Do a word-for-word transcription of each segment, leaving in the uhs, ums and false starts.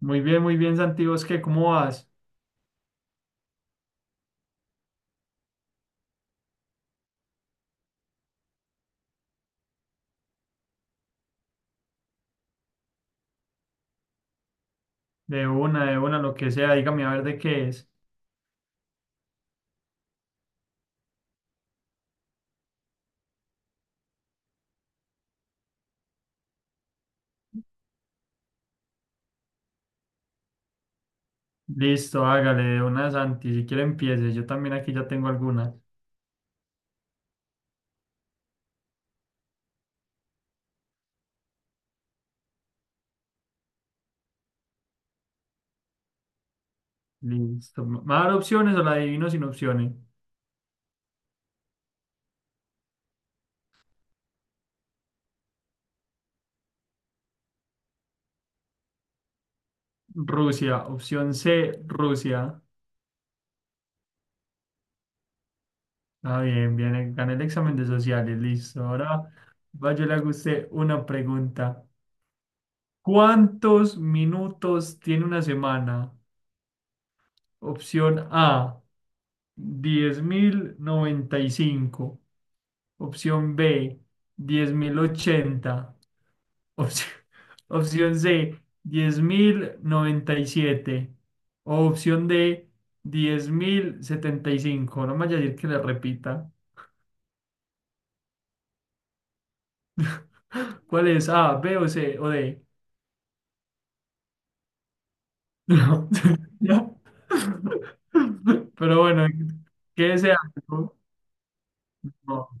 Muy bien, muy bien, Santiago, es que, ¿cómo vas? De una, de una, lo que sea, dígame a ver de qué es. Listo, hágale, de una, Santi, si quiere empiece, yo también aquí ya tengo algunas. Listo, ¿me va a dar opciones o la adivino sin opciones? Rusia, opción C, Rusia. Ah, bien, bien, eh, gané el examen de sociales, listo. Ahora vaya, le hago a usted una pregunta. ¿Cuántos minutos tiene una semana? Opción A, diez mil noventa y cinco. Opción B, diez mil ochenta. Opción, opción C, diez mil noventa y siete. O opción D, diez mil setenta y cinco. No me vaya a decir que le repita. ¿Cuál es? ¿A, B o C o D? No. Ya. Pero bueno, ¿qué desea? No. No.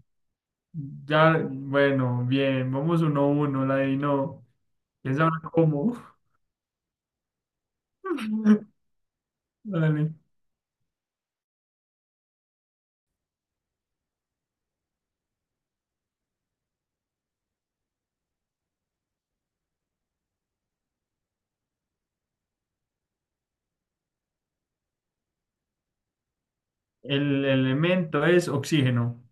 Ya, bueno, bien. Vamos uno a uno. La de no. ¿Quién sabe cómo? Dale. El elemento es oxígeno.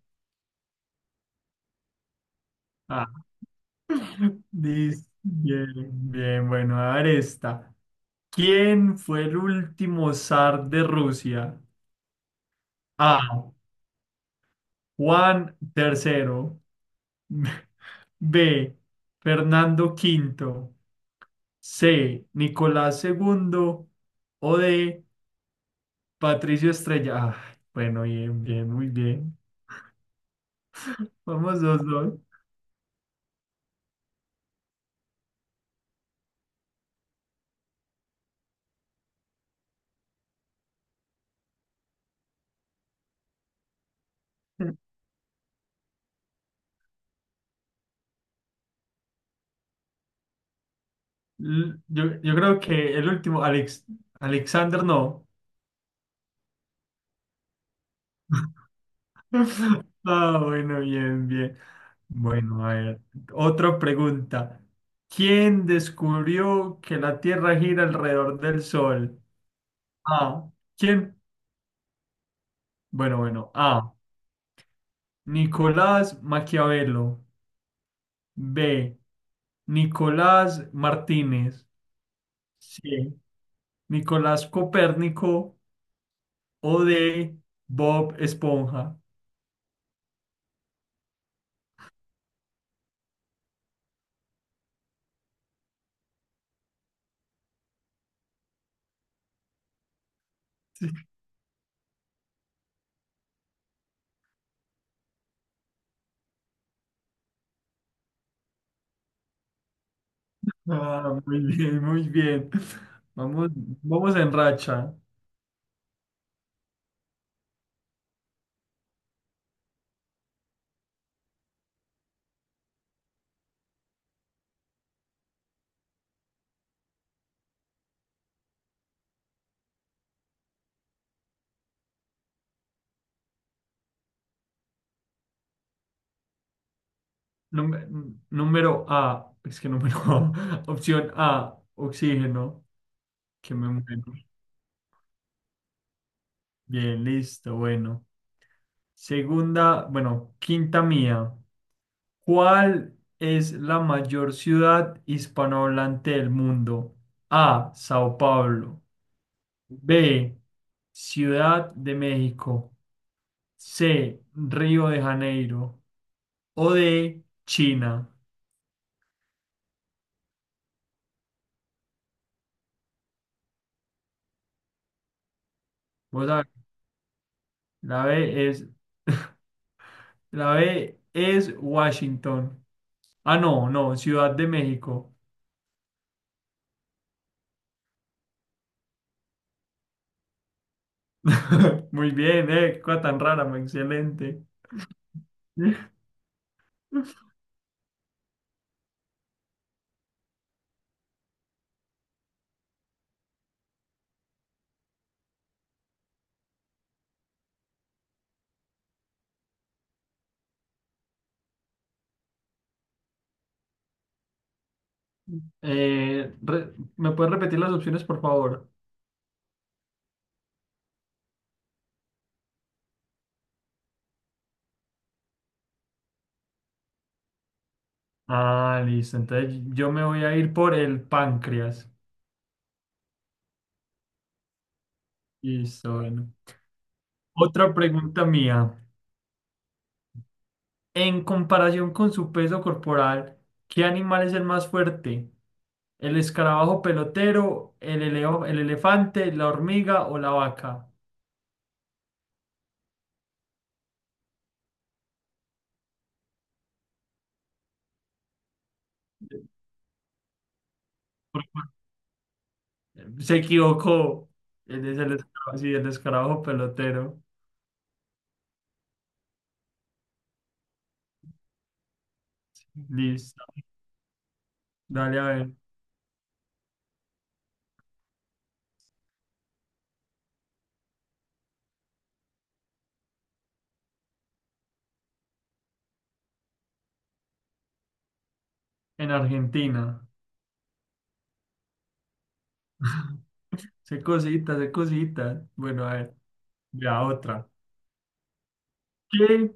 Ah, dis- bien, bien, bueno, a ver esta. ¿Quién fue el último zar de Rusia? A, Juan tercero. B, Fernando quinto. C, Nicolás segundo. O D, Patricio Estrella. Ah, bueno, bien, bien, muy bien. Vamos dos, dos. L- Yo, yo creo que el último, Alex, Alexander no. Ah, bueno, bien, bien. Bueno, a ver, otra pregunta. ¿Quién descubrió que la Tierra gira alrededor del Sol? A, ¿quién? Bueno, bueno. A, Nicolás Maquiavelo. B, Nicolás Martínez. C, Nicolás Copérnico. O D, Bob Esponja. Ah, muy bien, muy bien. Vamos, vamos en racha. Número, número A, es que número A, opción A, oxígeno, que me muero. Bien, listo, bueno. Segunda, bueno, quinta mía. ¿Cuál es la mayor ciudad hispanohablante del mundo? A, Sao Paulo. B, Ciudad de México. C, Río de Janeiro. O D, China. Vos sabés, la B es, la B es Washington. Ah, no, no, Ciudad de México. Muy bien, eh, cosa tan rara, muy excelente. Eh, re- ¿me puedes repetir las opciones, por favor? Ah, listo, entonces yo me voy a ir por el páncreas. Listo, bueno. Otra pregunta mía. En comparación con su peso corporal, ¿qué animal es el más fuerte? ¿El escarabajo pelotero, el, eleo- el elefante, la hormiga o la vaca? Por favor. Se equivocó. Él es el escarabajo, sí, el escarabajo pelotero. Listo. Dale a ver. En Argentina. Se cositas, se cositas. Bueno, a ver. Ya otra. ¿Qué?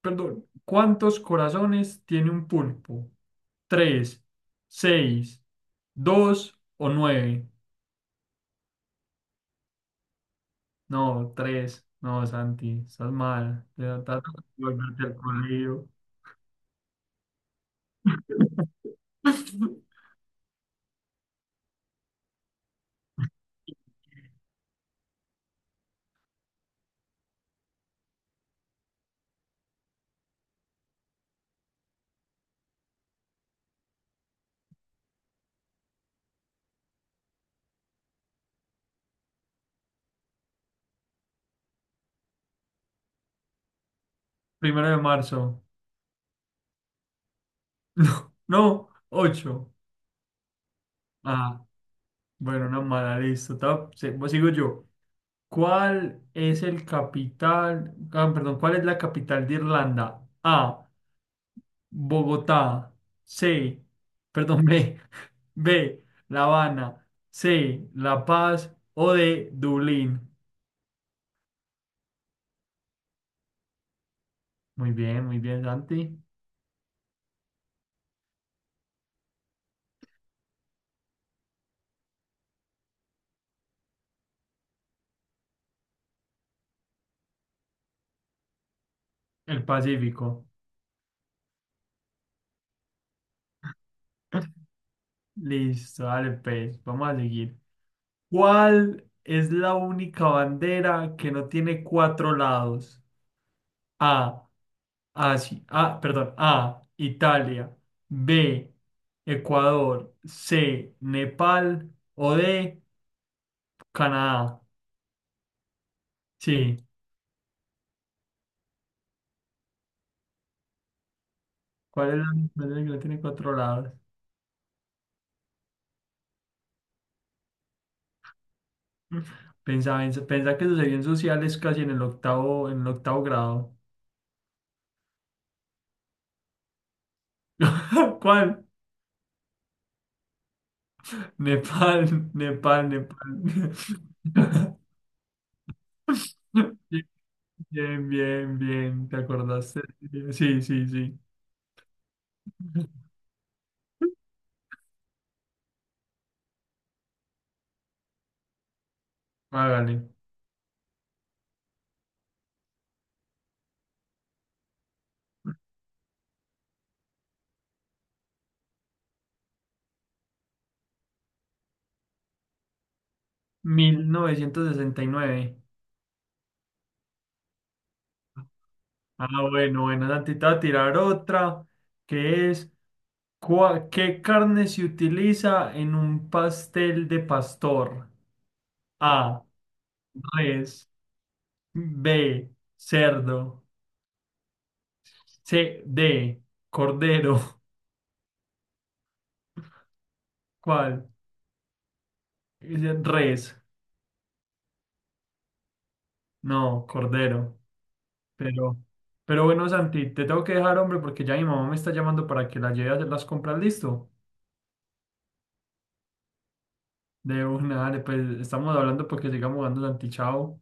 Perdón, ¿cuántos corazones tiene un pulpo? ¿Tres, seis, dos o nueve? No, tres. No, Santi, estás mal. Te da- te volverte al colegio. Primero de marzo. No, no, ocho. Ah, bueno, una mala, listo. ta- se- pues sigo yo. ¿Cuál es el capital? Ah, perdón, ¿cuál es la capital de Irlanda? A, Bogotá, C, perdón, B, B, La Habana, C, La Paz o D, Dublín. Muy bien, muy bien, Santi. El Pacífico. Listo, dale, pues, vamos a seguir. ¿Cuál es la única bandera que no tiene cuatro lados? A, Asia, ah, perdón, A, Italia, B, Ecuador, C, Nepal o D, Canadá. Sí. ¿Cuál es la montaña que no tiene cuatro lados? Pensaba, pensaba pensá que sucedió en sociales casi en el octavo, en el octavo grado. ¿Cuál? Nepal, Nepal, Nepal. Bien, bien, bien, ¿te acordaste? Sí, sí, sí. Hágale. Mil novecientos sesenta y nueve. Ah, bueno, bueno, Santi, te voy a tirar otra, que es, ¿cuál- ¿qué carne se utiliza en un pastel de pastor? A, res, B, cerdo, C, D, cordero. ¿Cuál? Dice res, no, cordero. Pero, pero bueno, Santi, te tengo que dejar, hombre, porque ya mi mamá me está llamando para que la lleve a hacer las compras, ¿listo? De una, dale, pues estamos hablando porque sigamos jugando, Santi, chao.